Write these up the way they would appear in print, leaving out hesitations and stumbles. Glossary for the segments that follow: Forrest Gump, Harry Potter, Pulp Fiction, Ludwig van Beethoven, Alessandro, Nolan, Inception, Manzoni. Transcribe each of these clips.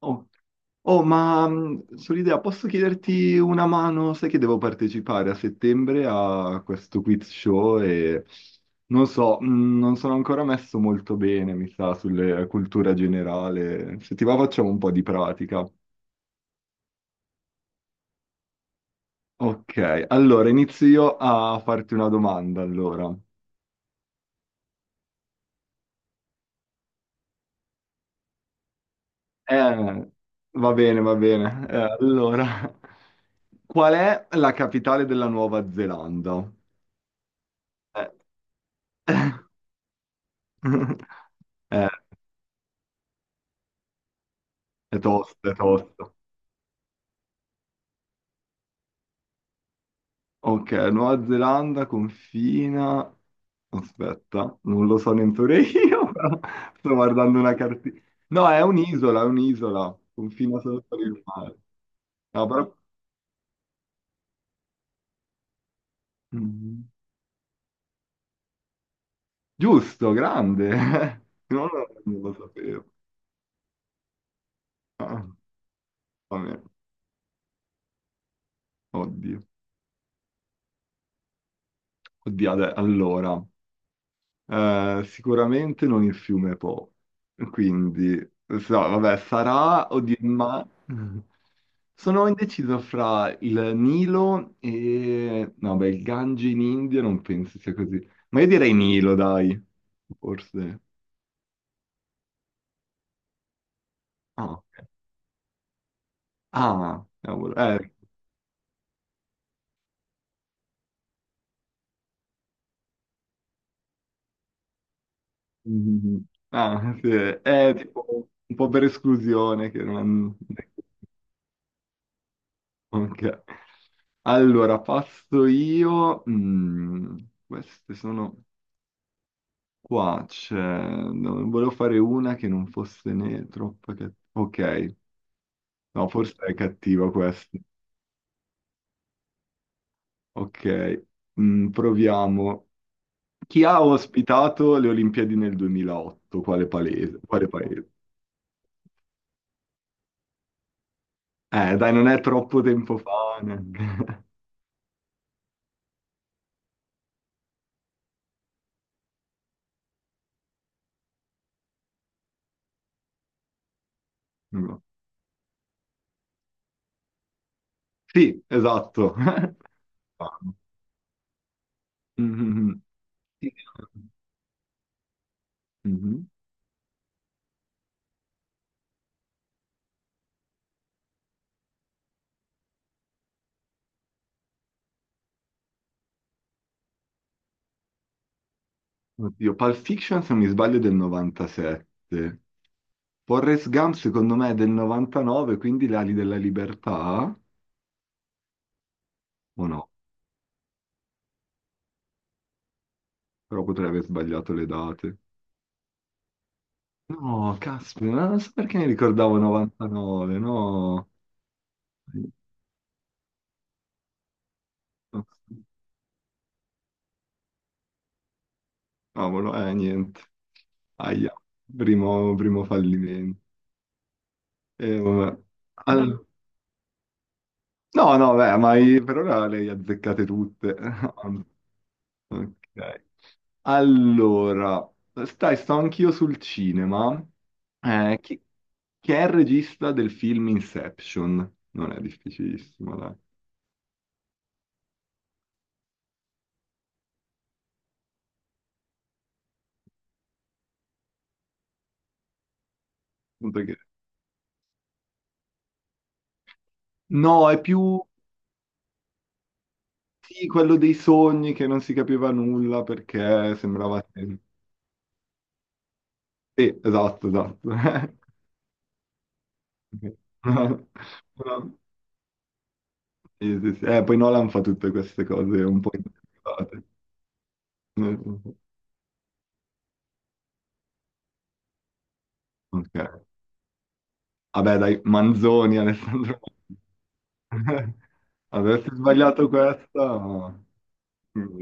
Oh, oh, sull'idea, posso chiederti una mano? Sai che devo partecipare a settembre a questo quiz show e non so, non sono ancora messo molto bene, mi sa, sulle cultura generale. Se ti va facciamo un po' di pratica. Ok, allora inizio io a farti una domanda, allora. Eh, va bene, va bene. Allora, qual è la capitale della Nuova Zelanda? Eh. Eh, è tosta, è tosta. Ok, Nuova Zelanda confina... Aspetta, non lo so neppure io, però sto guardando una cartina. No, è un'isola, confina solo per il mare. No, però... Mhm. Giusto, grande! Non lo sapevo. Ah, vabbè, oddio. Oddio, adè- allora... sicuramente non il fiume Po, quindi so, vabbè, sarà o di ma sono indeciso fra il Nilo e no, beh, il Gange in India non penso sia così, ma io direi Nilo, dai, forse. Ah, ok. Ah, cavolo, mm, ah, sì, è tipo un po' per esclusione che non. Ok. Allora, passo io. Queste sono qua. C'è... no, volevo fare una che non fosse né troppo cattiva. Ok, no, forse è cattiva questa. Ok, proviamo. Chi ha ospitato le Olimpiadi nel 2008? Quale palese- Quale paese? Dai, non è troppo tempo fa. Neanche. No. Sì, esatto. Mhm. Oddio, Pulp Fiction se non mi sbaglio è del 97. Forrest Gump secondo me è del 99, quindi le ali della libertà, o no? Però potrei aver sbagliato le date. No, caspita, non so perché mi ricordavo 99, no. Cavolo, niente. Aia, primo, primo fallimento. Vabbè. Al- no, no, beh, ma i- per ora le hai azzeccate tutte. Ok. Allora, sto anch'io sul cinema. Eh, chi, chi è il regista del film Inception? Non è difficilissimo, dai. Appunto che- no, è più sì, quello dei sogni che non si capiva nulla perché sembrava... Sì, esatto, esatto. Sì, sì, sì. Poi Nolan fa tutte queste cose un po' inventate. Ok. Vabbè, dai, Manzoni, Alessandro. Averti sbagliato questa, mm,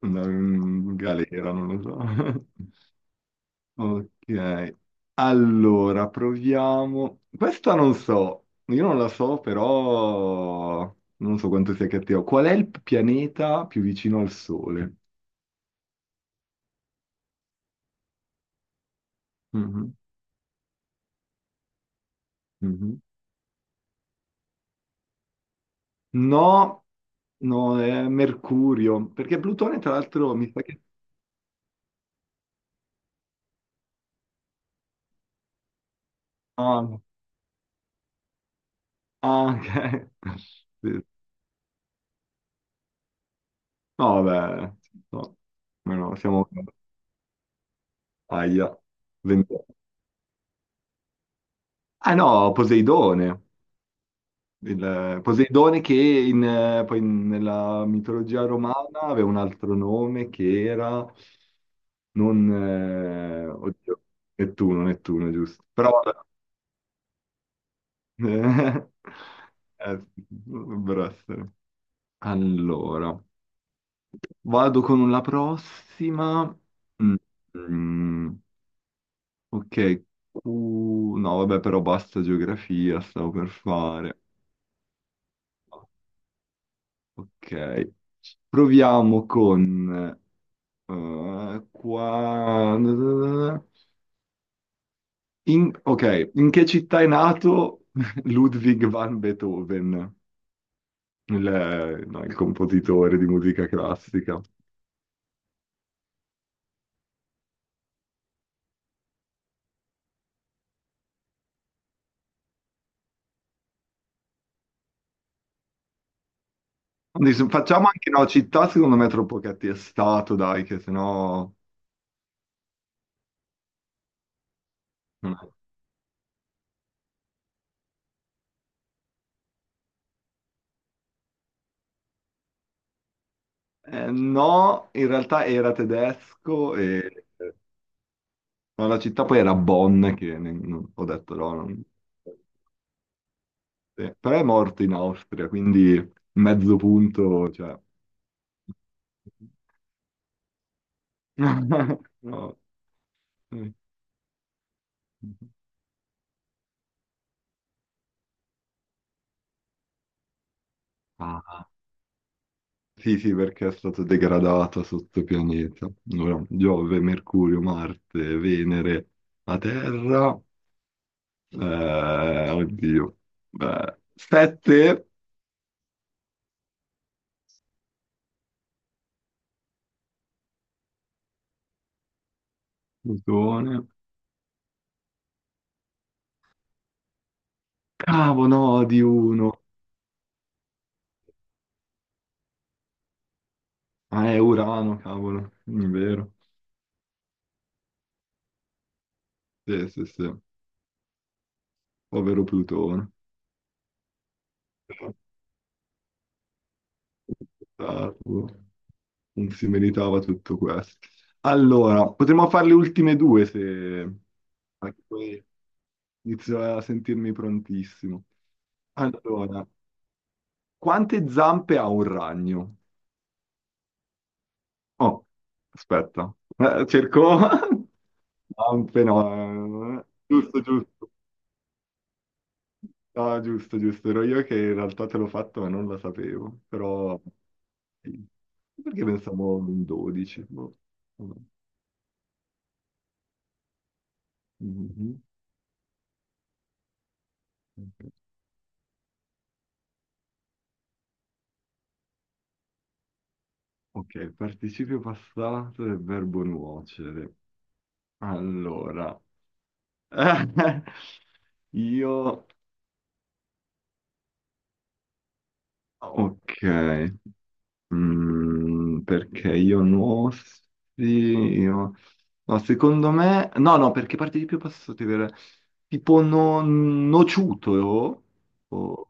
andare in galera, non lo so. Ok, allora proviamo. Questa non so, io non la so, però non so quanto sia cattiva. Qual è il pianeta più vicino al Sole? Mhm, mhm. No, no, è Mercurio, perché Plutone, tra l'altro, mi sa che... Ah, ah, ok. No, vabbè, no, no, no, siamo aia, 20 ah no, Poseidone, Poseidone che in, poi nella mitologia romana aveva un altro nome che era, non, oddio, Nettuno, Nettuno, giusto. Però, vabbè, dovrebbero essere. Allora, vado con la prossima. Mm, mm. Ok, Q- no, vabbè, però basta geografia, stavo per fare. Ok, proviamo con... qua... In- ok, in che città è nato Ludwig van Beethoven, il, no, il compositore di musica classica? Quindi se- facciamo anche, no, città secondo me è troppo cattiestato, dai, che sennò... Eh, no, in realtà era tedesco e... Ma la città poi era Bonn, che ne- non- ho detto no, non- sì. Però è morto in Austria, quindi mezzo punto, cioè... No. Ah. Sì, sì, perché è stato degradato sotto pianeta. Allora, Giove, Mercurio, Marte, Venere, la Terra, oddio, beh, sette, Plutone, cavolo, no, di uno, ah, è Urano, cavolo, è vero. Sì, sì, sì. Povero Plutone. Tarlo. Non si meritava tutto questo. Allora, potremmo fare le ultime due se... perché poi inizio a sentirmi prontissimo. Allora, quante zampe ha un ragno? Oh, aspetta. Cerco... Zampe no. Eh, giusto, giusto. No, giusto, giusto, ero io che in realtà te l'ho fatto ma non la sapevo, però sì. Perché pensavo un 12? Boh. No. Mhm. Ok, ok, participio passato del verbo nuocere. Allora, io... Ok. Perché io no, sì, io- no, secondo me, no, no, perché parte di più posso dire, tipo no, nociuto, o-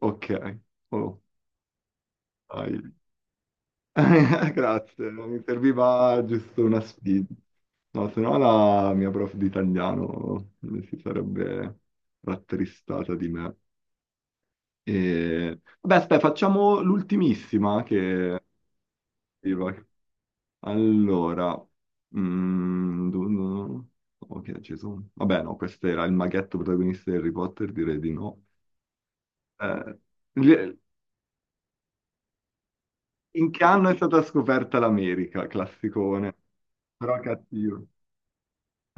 ok, oh, dai. Grazie, mi serviva giusto una sfida, no, se no la mia prof di italiano si sarebbe rattristata di me. E... Vabbè, aspetta, facciamo l'ultimissima che... Allora, mm, du- du- ok, ci sono. Vabbè, no, questo era il maghetto protagonista di Harry Potter, direi di no. Eh, le- in che anno è stata scoperta l'America? Classicone, però cattivo.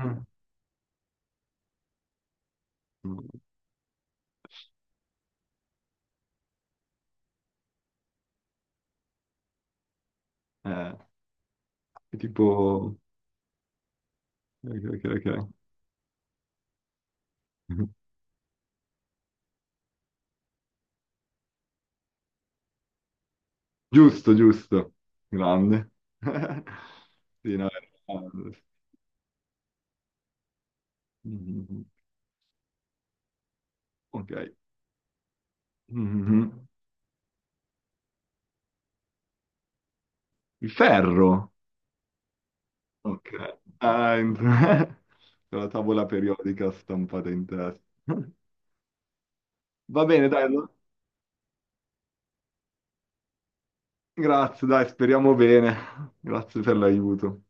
Mm. Eh, è tipo... Ok, ok, ok. Giusto, giusto. Grande. Sì, no, era- grande. Mhm. Ok. Mhm. Il ferro. Ok. Ah, entra- con la tavola periodica stampata in testa. Va bene, dai, allora. Grazie, dai, speriamo bene. Grazie per l'aiuto.